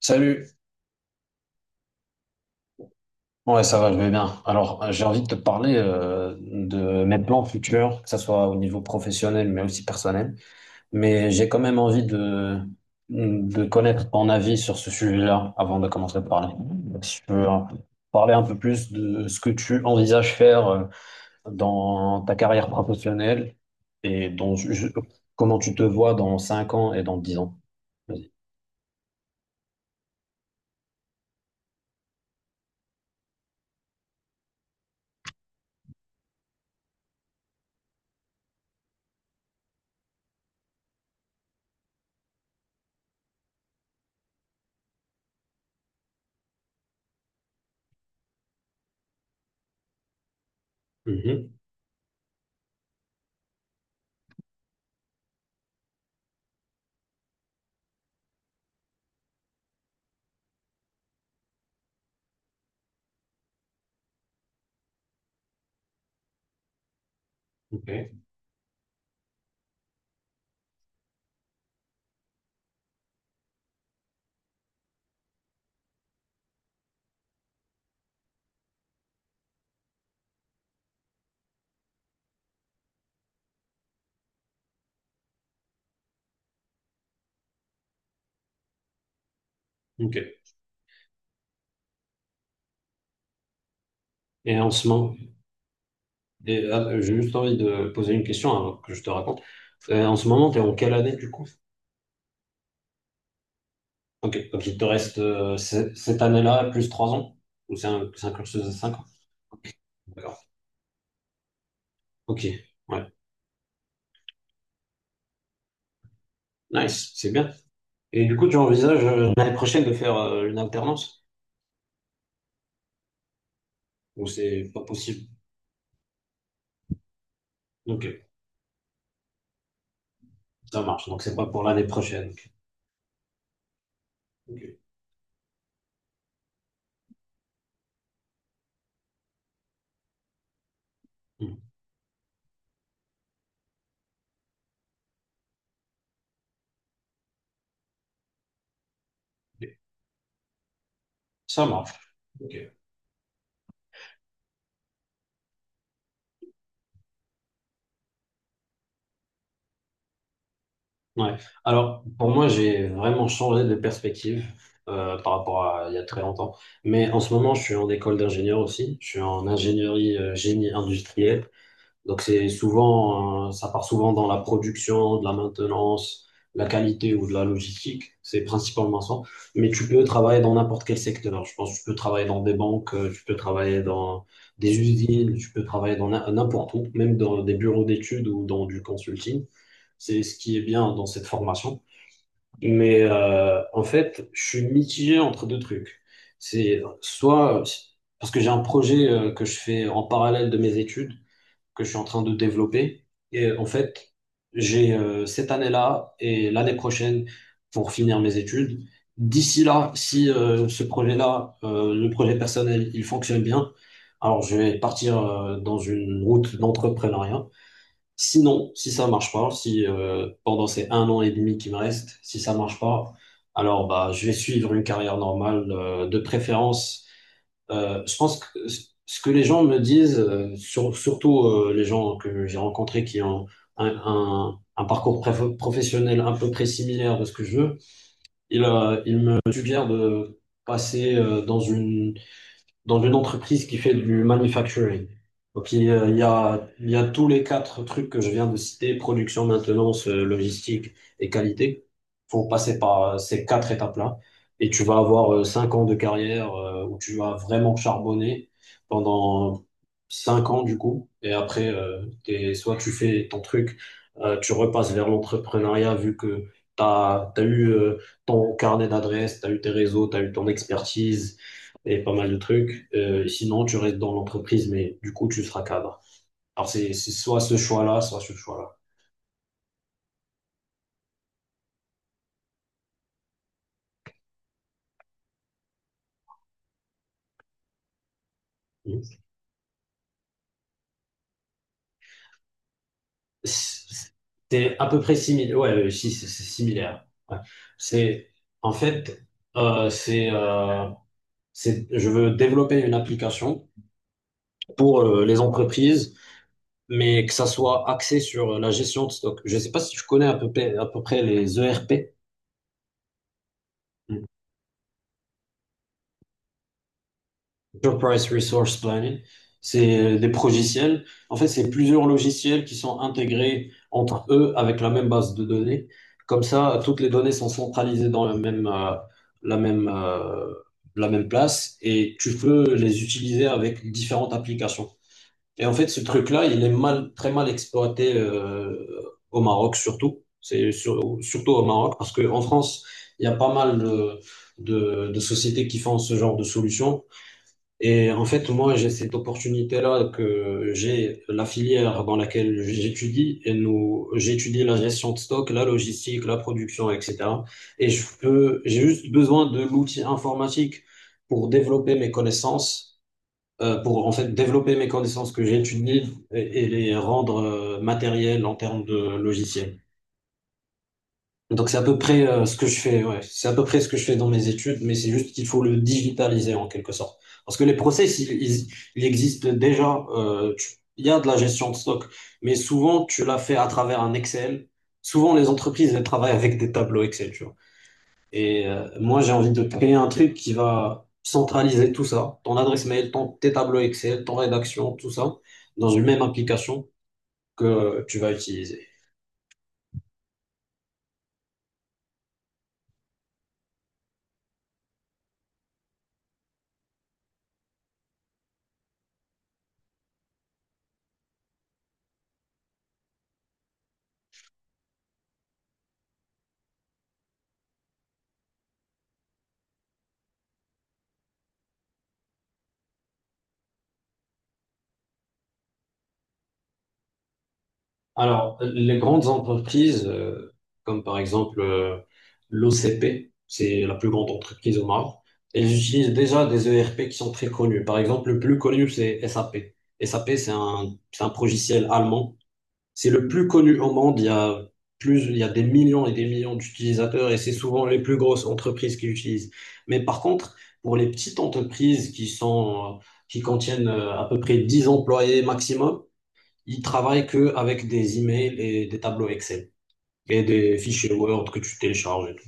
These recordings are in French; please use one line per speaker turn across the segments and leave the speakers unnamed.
Salut. Ouais, ça va, je vais bien. Alors, j'ai envie de te parler de mes plans futurs, que ce soit au niveau professionnel, mais aussi personnel. Mais j'ai quand même envie de connaître ton avis sur ce sujet-là avant de commencer à parler. Donc, si tu peux parler un peu plus de ce que tu envisages faire dans ta carrière professionnelle et dans, comment tu te vois dans 5 ans et dans 10 ans. Vas-y. Mhm. Ok. Ok. Et en ce moment, et, j'ai juste envie de poser une question avant que je te raconte. En ce moment, tu es en quelle année du coup? Ok, donc il te reste cette année-là plus trois ans? Ou c'est un cursus de cinq ans? D'accord. Ok, ouais, nice, c'est bien. Et du coup, tu envisages l'année prochaine de faire une alternance? Ou c'est pas possible? Ok, ça marche, donc c'est pas pour l'année prochaine. Ok. Hmm. Ok. Ça marche. Ok. Ouais. Alors, pour moi, j'ai vraiment changé de perspective par rapport à il y a très longtemps. Mais en ce moment, je suis en école d'ingénieur aussi. Je suis en ingénierie génie industriel. Donc c'est souvent, ça part souvent dans la production, de la maintenance, la qualité ou de la logistique. C'est principalement ça. Mais tu peux travailler dans n'importe quel secteur. Je pense que tu peux travailler dans des banques, tu peux travailler dans des usines, tu peux travailler dans n'importe où, même dans des bureaux d'études ou dans du consulting. C'est ce qui est bien dans cette formation. Mais en fait, je suis mitigé entre deux trucs. C'est soit parce que j'ai un projet que je fais en parallèle de mes études que je suis en train de développer. Et en fait, j'ai cette année-là et l'année prochaine pour finir mes études. D'ici là, si ce projet-là, le projet personnel, il fonctionne bien, alors je vais partir dans une route d'entrepreneuriat. Sinon, si ça marche pas, si pendant ces un an et demi qui me reste, si ça marche pas, alors bah je vais suivre une carrière normale, de préférence je pense que ce que les gens me disent, surtout les gens que j'ai rencontrés qui ont un parcours professionnel à peu près similaire de ce que je veux, ils me suggèrent de passer dans une entreprise qui fait du manufacturing. Donc, il y a tous les quatre trucs que je viens de citer, production, maintenance, logistique et qualité. Faut passer par ces quatre étapes-là. Et tu vas avoir cinq ans de carrière où tu vas vraiment charbonner pendant cinq ans, du coup. Et après, soit tu fais ton truc, tu repasses vers l'entrepreneuriat vu que tu as eu ton carnet d'adresses, tu as eu tes réseaux, tu as eu ton expertise et pas mal de trucs. Sinon, tu restes dans l'entreprise, mais du coup, tu seras cadre. Alors, c'est soit ce choix-là, soit ce choix-là. Mm. C'est c'est à peu près similaire. Ouais, si, c'est similaire. Ouais. C'est, en fait, euh, c'est, euh, je veux développer une application pour les entreprises, mais que ça soit axé sur la gestion de stock. Je ne sais pas si tu connais à peu près les ERP. Enterprise Resource Planning, c'est des progiciels. En fait, c'est plusieurs logiciels qui sont intégrés entre eux avec la même base de données. Comme ça, toutes les données sont centralisées dans la même, la même, euh, la même place et tu peux les utiliser avec différentes applications. Et en fait, ce truc-là, il est mal, très mal exploité au Maroc surtout. C'est surtout au Maroc parce qu'en France, il y a pas mal de sociétés qui font ce genre de solutions et en fait, moi, j'ai cette opportunité-là que j'ai la filière dans laquelle j'étudie et nous, j'étudie la gestion de stock, la logistique, la production, etc. Et je peux, j'ai juste besoin de l'outil informatique pour développer mes connaissances, pour en fait développer mes connaissances que j'étudie et les rendre matérielles en termes de logiciels. Donc c'est à peu près ce que je fais, ouais. C'est à peu près ce que je fais dans mes études, mais c'est juste qu'il faut le digitaliser en quelque sorte. Parce que les process, ils existent déjà. Il y a de la gestion de stock, mais souvent tu la fais à travers un Excel. Souvent les entreprises, elles travaillent avec des tableaux Excel, tu vois. Et moi j'ai envie de créer un truc qui va centraliser tout ça, ton adresse mail, tes tableaux Excel, ton rédaction, tout ça, dans une même application que tu vas utiliser. Alors, les grandes entreprises, comme par exemple l'OCP, c'est la plus grande entreprise au Maroc, elles utilisent déjà des ERP qui sont très connus. Par exemple, le plus connu, c'est SAP. SAP, c'est un logiciel allemand. C'est le plus connu au monde. Il y a plus, il y a des millions et des millions d'utilisateurs et c'est souvent les plus grosses entreprises qui l'utilisent. Mais par contre, pour les petites entreprises qui sont, qui contiennent à peu près 10 employés maximum, ils travaillent que avec des emails et des tableaux Excel et des fichiers Word que tu télécharges et tout.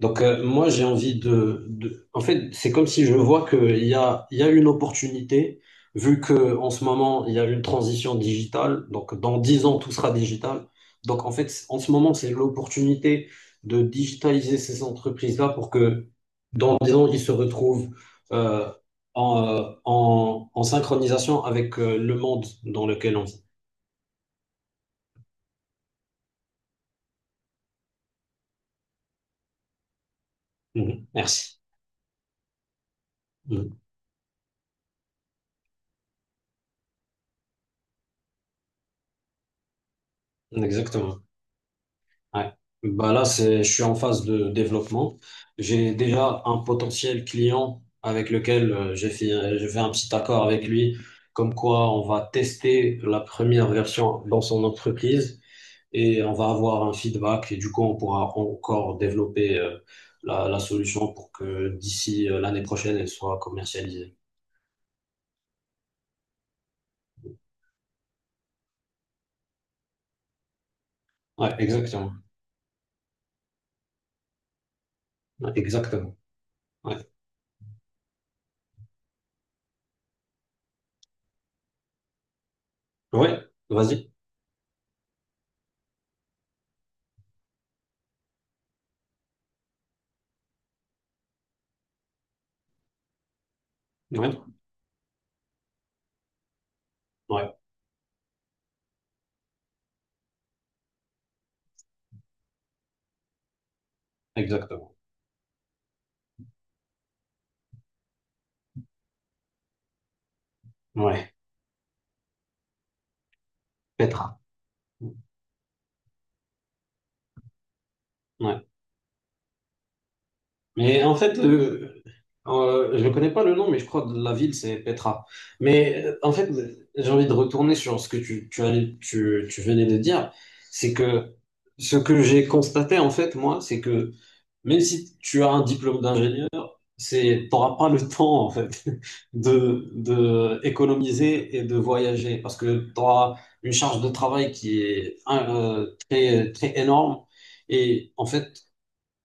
Donc, moi, j'ai envie en fait, c'est comme si je vois qu'il y a, il y a une opportunité, vu que en ce moment, il y a une transition digitale. Donc, dans 10 ans, tout sera digital. Donc, en fait, en ce moment, c'est l'opportunité de digitaliser ces entreprises-là pour que, dans 10 ans, ils se retrouvent euh, en synchronisation avec le monde dans lequel on vit. Mhm. Merci. Mhm. Exactement. Ouais. Bah là, c'est, je suis en phase de développement. J'ai déjà un potentiel client avec lequel j'ai fait un petit accord avec lui, comme quoi on va tester la première version dans son entreprise et on va avoir un feedback et du coup, on pourra encore développer la solution pour que d'ici l'année prochaine, elle soit commercialisée. Ouais, exactement. Ouais, exactement. Ouais. Ouais, vas-y. Ouais. Ouais, exactement. Ouais. Petra. Ouais. Mais en fait, je ne connais pas le nom, mais je crois que la ville, c'est Petra. Mais en fait, j'ai envie de retourner sur ce que tu venais de dire. C'est que ce que j'ai constaté, en fait, moi, c'est que même si tu as un diplôme d'ingénieur, c'est, t'auras pas le temps, en fait, de économiser et de voyager parce que tu auras une charge de travail qui est très, très énorme. Et en fait,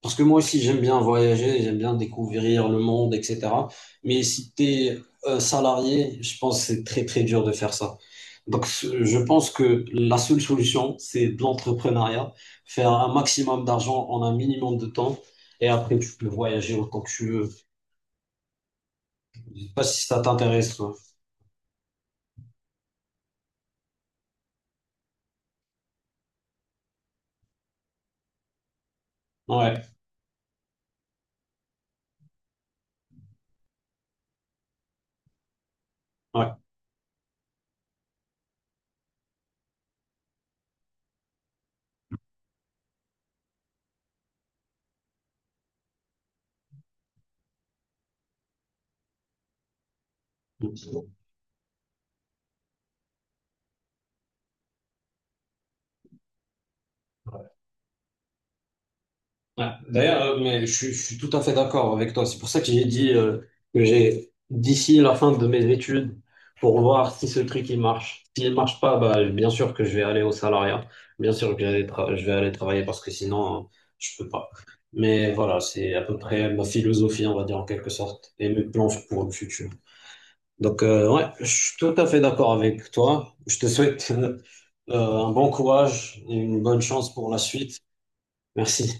parce que moi aussi, j'aime bien voyager, j'aime bien découvrir le monde, etc. Mais si tu es salarié, je pense que c'est très, très dur de faire ça. Donc, je pense que la seule solution, c'est de l'entrepreneuriat, faire un maximum d'argent en un minimum de temps, et après, tu peux voyager autant que tu veux. Je sais pas si ça t'intéresse, toi. Ouais, ouais. Ouais. D'ailleurs, mais je suis tout à fait d'accord avec toi. C'est pour ça que j'ai dit que j'ai d'ici la fin de mes études pour voir si ce truc il marche. S'il marche pas, bah, bien sûr que je vais aller au salariat. Bien sûr que je vais aller travailler parce que sinon, je peux pas. Mais voilà, c'est à peu près ma philosophie, on va dire en quelque sorte, et mes plans pour le futur. Donc, ouais, je suis tout à fait d'accord avec toi. Je te souhaite un bon courage et une bonne chance pour la suite. Merci.